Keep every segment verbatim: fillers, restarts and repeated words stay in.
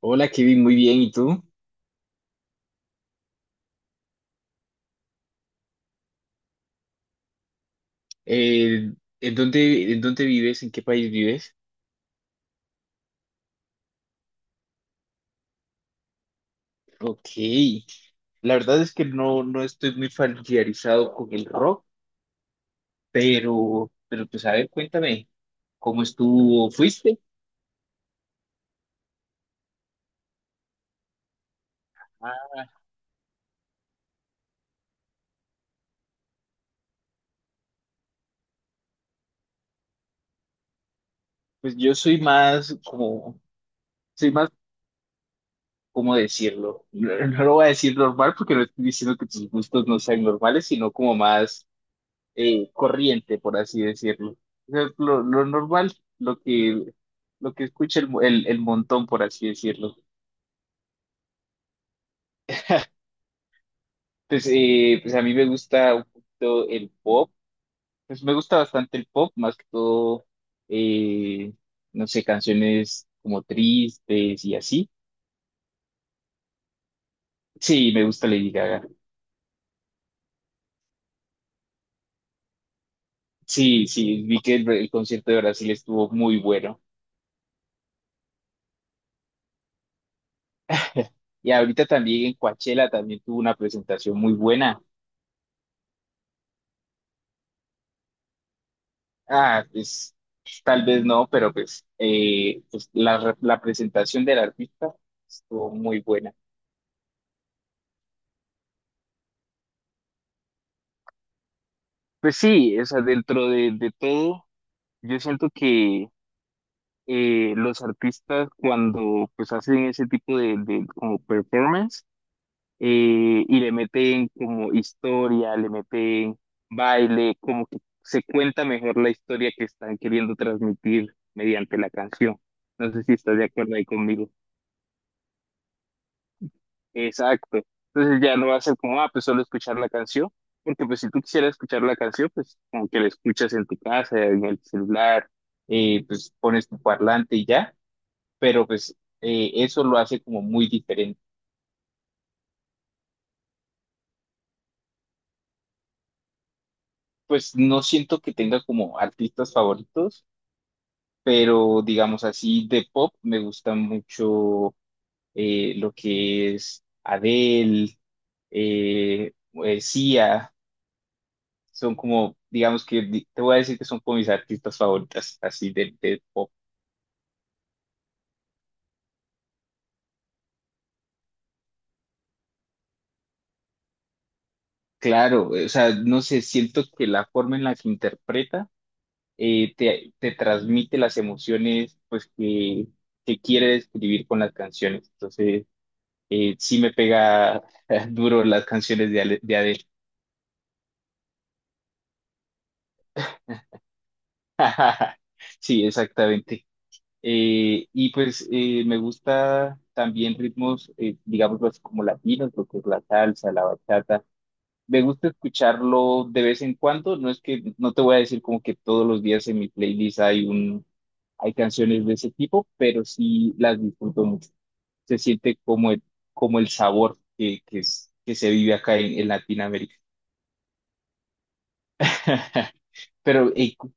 Hola Kevin, muy bien. ¿Y tú? Eh, ¿en dónde, en dónde vives? ¿En qué país vives? Ok. La verdad es que no, no estoy muy familiarizado con el rock, pero, pero pues a ver, cuéntame, ¿cómo estuvo? ¿Fuiste? Ah, pues yo soy más como, soy más, ¿cómo decirlo? No, no lo voy a decir normal porque no estoy diciendo que tus gustos no sean normales, sino como más eh, corriente, por así decirlo. O sea, Lo, lo normal, lo que, lo que escucha el, mo- el- el montón, por así decirlo. Pues, eh, pues a mí me gusta un poquito el pop, pues me gusta bastante el pop, más que todo, eh, no sé, canciones como tristes y así. Sí, me gusta Lady Gaga. Sí, sí, vi que el, el concierto de Brasil estuvo muy bueno. Y ahorita también en Coachella también tuvo una presentación muy buena. Ah, pues pues, tal vez no, pero pues, eh, pues la, re- la presentación del artista estuvo muy buena. Pues sí, o sea, dentro de, de todo, yo siento que eh, los artistas cuando pues hacen ese tipo de, de como performance eh, y le meten como historia, le meten baile, como que se cuenta mejor la historia que están queriendo transmitir mediante la canción. No sé si estás de acuerdo ahí conmigo. Exacto. Entonces ya no va a ser como, ah, pues solo escuchar la canción, porque pues si tú quisieras escuchar la canción, pues como que la escuchas en tu casa, en el celular, eh, pues pones tu parlante y ya, pero pues eh, eso lo hace como muy diferente. Pues no siento que tenga como artistas favoritos, pero digamos así, de pop me gusta mucho eh, lo que es Adele, eh, eh, Sia. Son como, digamos que, di- te voy a decir que son como mis artistas favoritas, así de, de pop. Claro, o sea, no sé, siento que la forma en la que interpreta eh, te, te transmite las emociones pues que, que quiere describir con las canciones. Entonces, eh, sí me pega duro las canciones de, Ale- de Adele. Sí, exactamente. Eh, y pues eh, me gusta también ritmos, eh, digamos, pues, como latinos, lo que es la salsa, la bachata. Me gusta escucharlo de vez en cuando. No es que, no te voy a decir como que todos los días en mi playlist hay un, hay canciones de ese tipo, pero sí las disfruto mucho. Se siente como el, como el sabor que, que, es- que se vive acá en, en Latinoamérica. Pero eh, cu-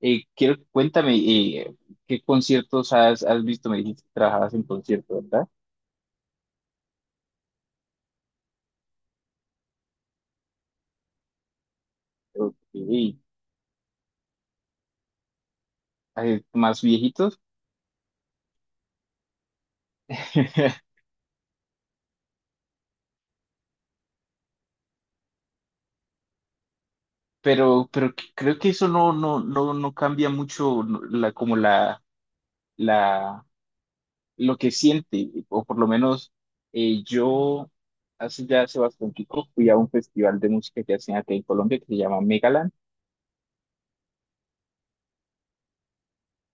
eh, quiero, cuéntame, eh, ¿qué conciertos has, has visto? Me dijiste que trabajabas en conciertos, ¿verdad? Ok. Eh, ¿más viejitos? Pero, pero que- creo que eso no, no, no, no cambia mucho no, la, como la, la, lo que siente, o por lo menos eh, yo hace ya hace bastante tiempo fui a un festival de música que hacen acá en Colombia que se llama Megaland.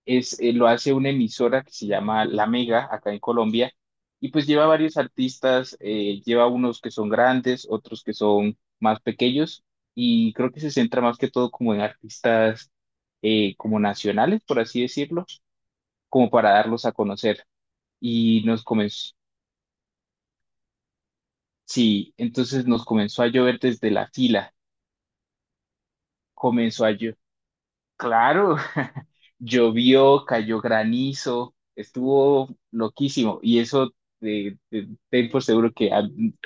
Es, eh, lo hace una emisora que se llama La Mega acá en Colombia y pues lleva varios artistas, eh, lleva unos que son grandes, otros que son más pequeños y creo que se centra más que todo como en artistas eh, como nacionales, por así decirlo, como para darlos a conocer. Y nos comenzó, sí, entonces nos comenzó a llover desde la fila, comenzó a llover, claro, llovió, cayó granizo, estuvo loquísimo y eso de, de- ten por seguro que a-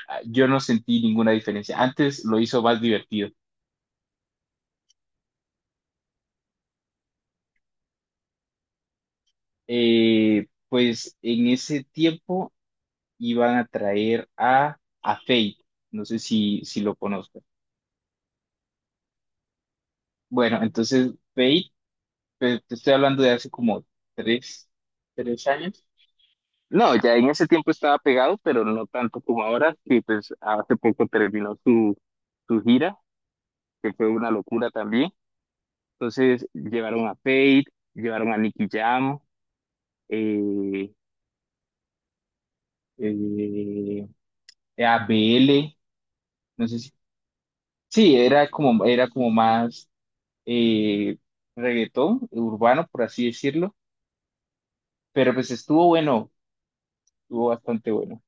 a- yo no sentí ninguna diferencia. Antes lo hizo más divertido. Eh, pues en ese tiempo iban a traer a, a Fate, no sé si, si lo conozco. Bueno, entonces Fate, Te, te estoy hablando de hace como tres, tres años. No, ya en ese tiempo estaba pegado, pero no tanto como ahora. Y pues hace poco terminó su, su gira, que fue una locura también. Entonces llevaron a Fate, llevaron a Nicky Jam, eh, eh, a B L, no sé si. Sí, era como, era como más eh, reggaetón urbano, por así decirlo. Pero pues estuvo bueno, estuvo bastante bueno.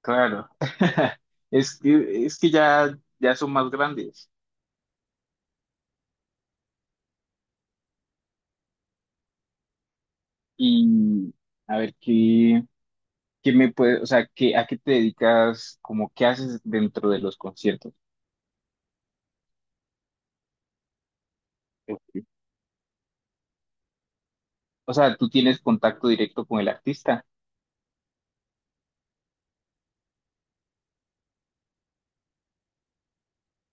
Claro, es que, es que ya, ya son más grandes. Y a ver, ¿qué, qué me puede, o sea, qué, a qué te dedicas, como qué haces dentro de los conciertos? Ok. O sea, ¿tú tienes contacto directo con el artista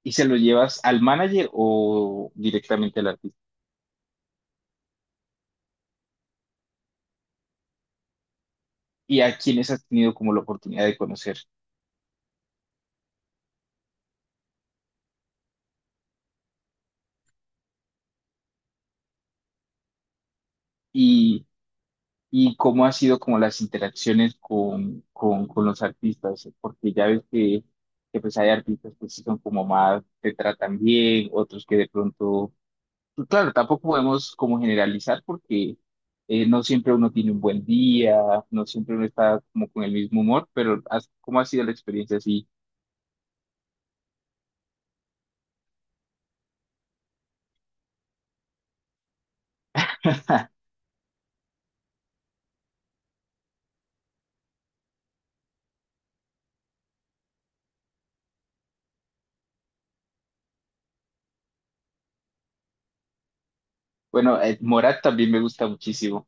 y se lo llevas al manager o directamente al artista? ¿Y a quiénes has tenido como la oportunidad de conocer? Y cómo ha sido como las interacciones con, con, con los artistas, porque ya ves que, que pues hay artistas que sí son como más, te tratan bien, otros que de pronto, pues claro, tampoco podemos como generalizar porque eh, no siempre uno tiene un buen día, no siempre uno está como con el mismo humor, pero has- ¿cómo ha sido la experiencia así? Bueno, eh, Morat también me gusta muchísimo.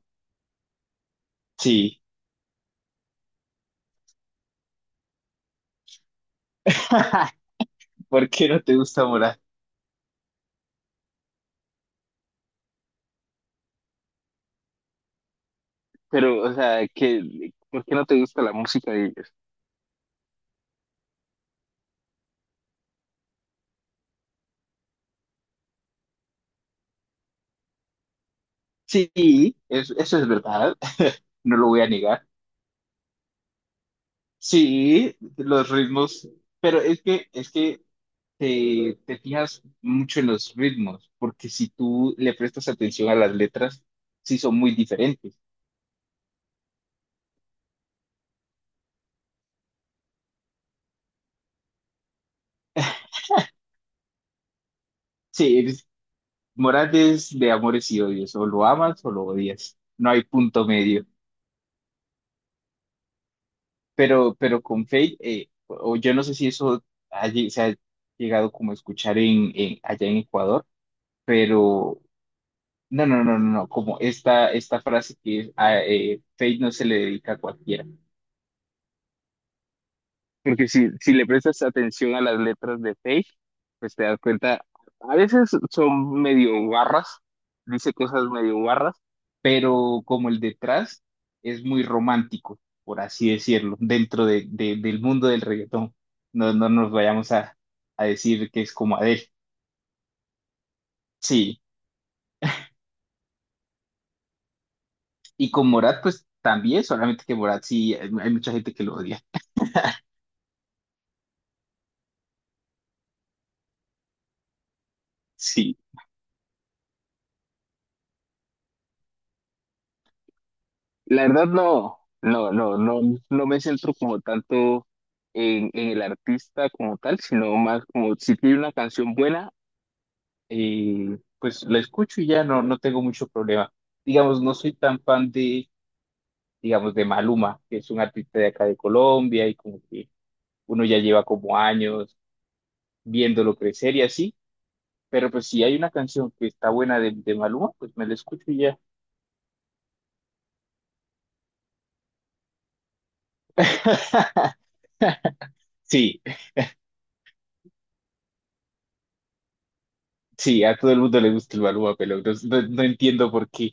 Sí. ¿Por qué no te gusta Morat? Pero, o sea, que ¿por qué no te gusta la música? Sí, es- eso es verdad, no lo voy a negar. Sí, los ritmos, pero es que, es que te, te fijas mucho en los ritmos, porque si tú le prestas atención a las letras, sí son muy diferentes. Sí, es- Morales de amores y odios, o lo amas o lo odias, no hay punto medio. Pero, pero con Fate, eh, o yo no sé si eso ha lle- se ha llegado como a escuchar en, en- allá en Ecuador, pero no, no, no, no, no, como esta, esta frase que es, a, eh, Fate no se le dedica a cualquiera. Porque si, si le prestas atención a las letras de Fate, pues te das cuenta, a veces son medio barras, dice cosas medio barras, pero como el detrás es muy romántico, por así decirlo, dentro de, de- del mundo del reggaetón. No, no nos vayamos a, a decir que es como Adele. Sí, y con Morat, pues también, solamente que Morat sí, hay hay mucha gente que lo odia. Sí. La verdad no, no, no, no, no me centro como tanto en, en el artista como tal, sino más como si tiene una canción buena, eh, pues la escucho y ya no, no tengo mucho problema. Digamos, no soy tan fan de, digamos, de Maluma, que es un artista de acá de Colombia y como que uno ya lleva como años viéndolo crecer y así, pero pues si hay una canción que está buena de, de Maluma, pues me la escucho y ya. Sí. Sí, a todo el mundo le gusta el Maluma Pelón. No, no no entiendo por qué.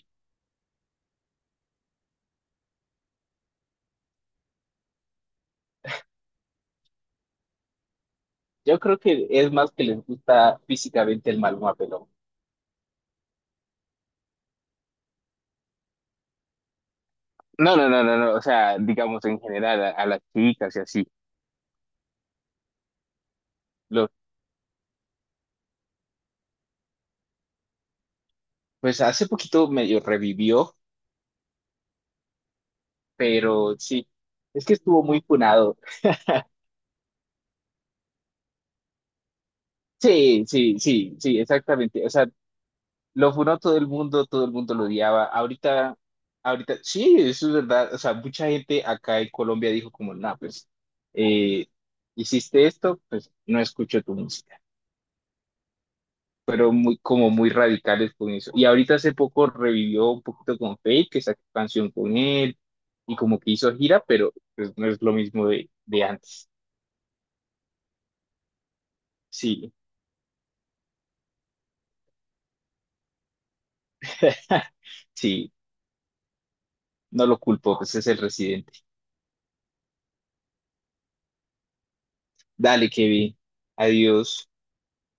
Yo creo que es más que les gusta físicamente el Maluma Pelón. No, no, no, no, no. O sea, digamos en general a, a las chicas y así. Lo, pues hace poquito medio revivió, pero sí, es que estuvo muy punado. Sí, sí, sí, sí, exactamente. O sea, lo funó todo el mundo, todo el mundo lo odiaba. Ahorita, ahorita, sí, eso es verdad. O sea, mucha gente acá en Colombia dijo como, no, pues, eh, hiciste esto, pues no escucho tu música. Pero muy, como muy radicales con eso. Y ahorita hace poco revivió un poquito con Fate, que sacó canción con él, y como que hizo gira, pero pues no es lo mismo de, de antes. Sí, sí, no lo culpo, pues es el residente. Dale, Kevin, adiós.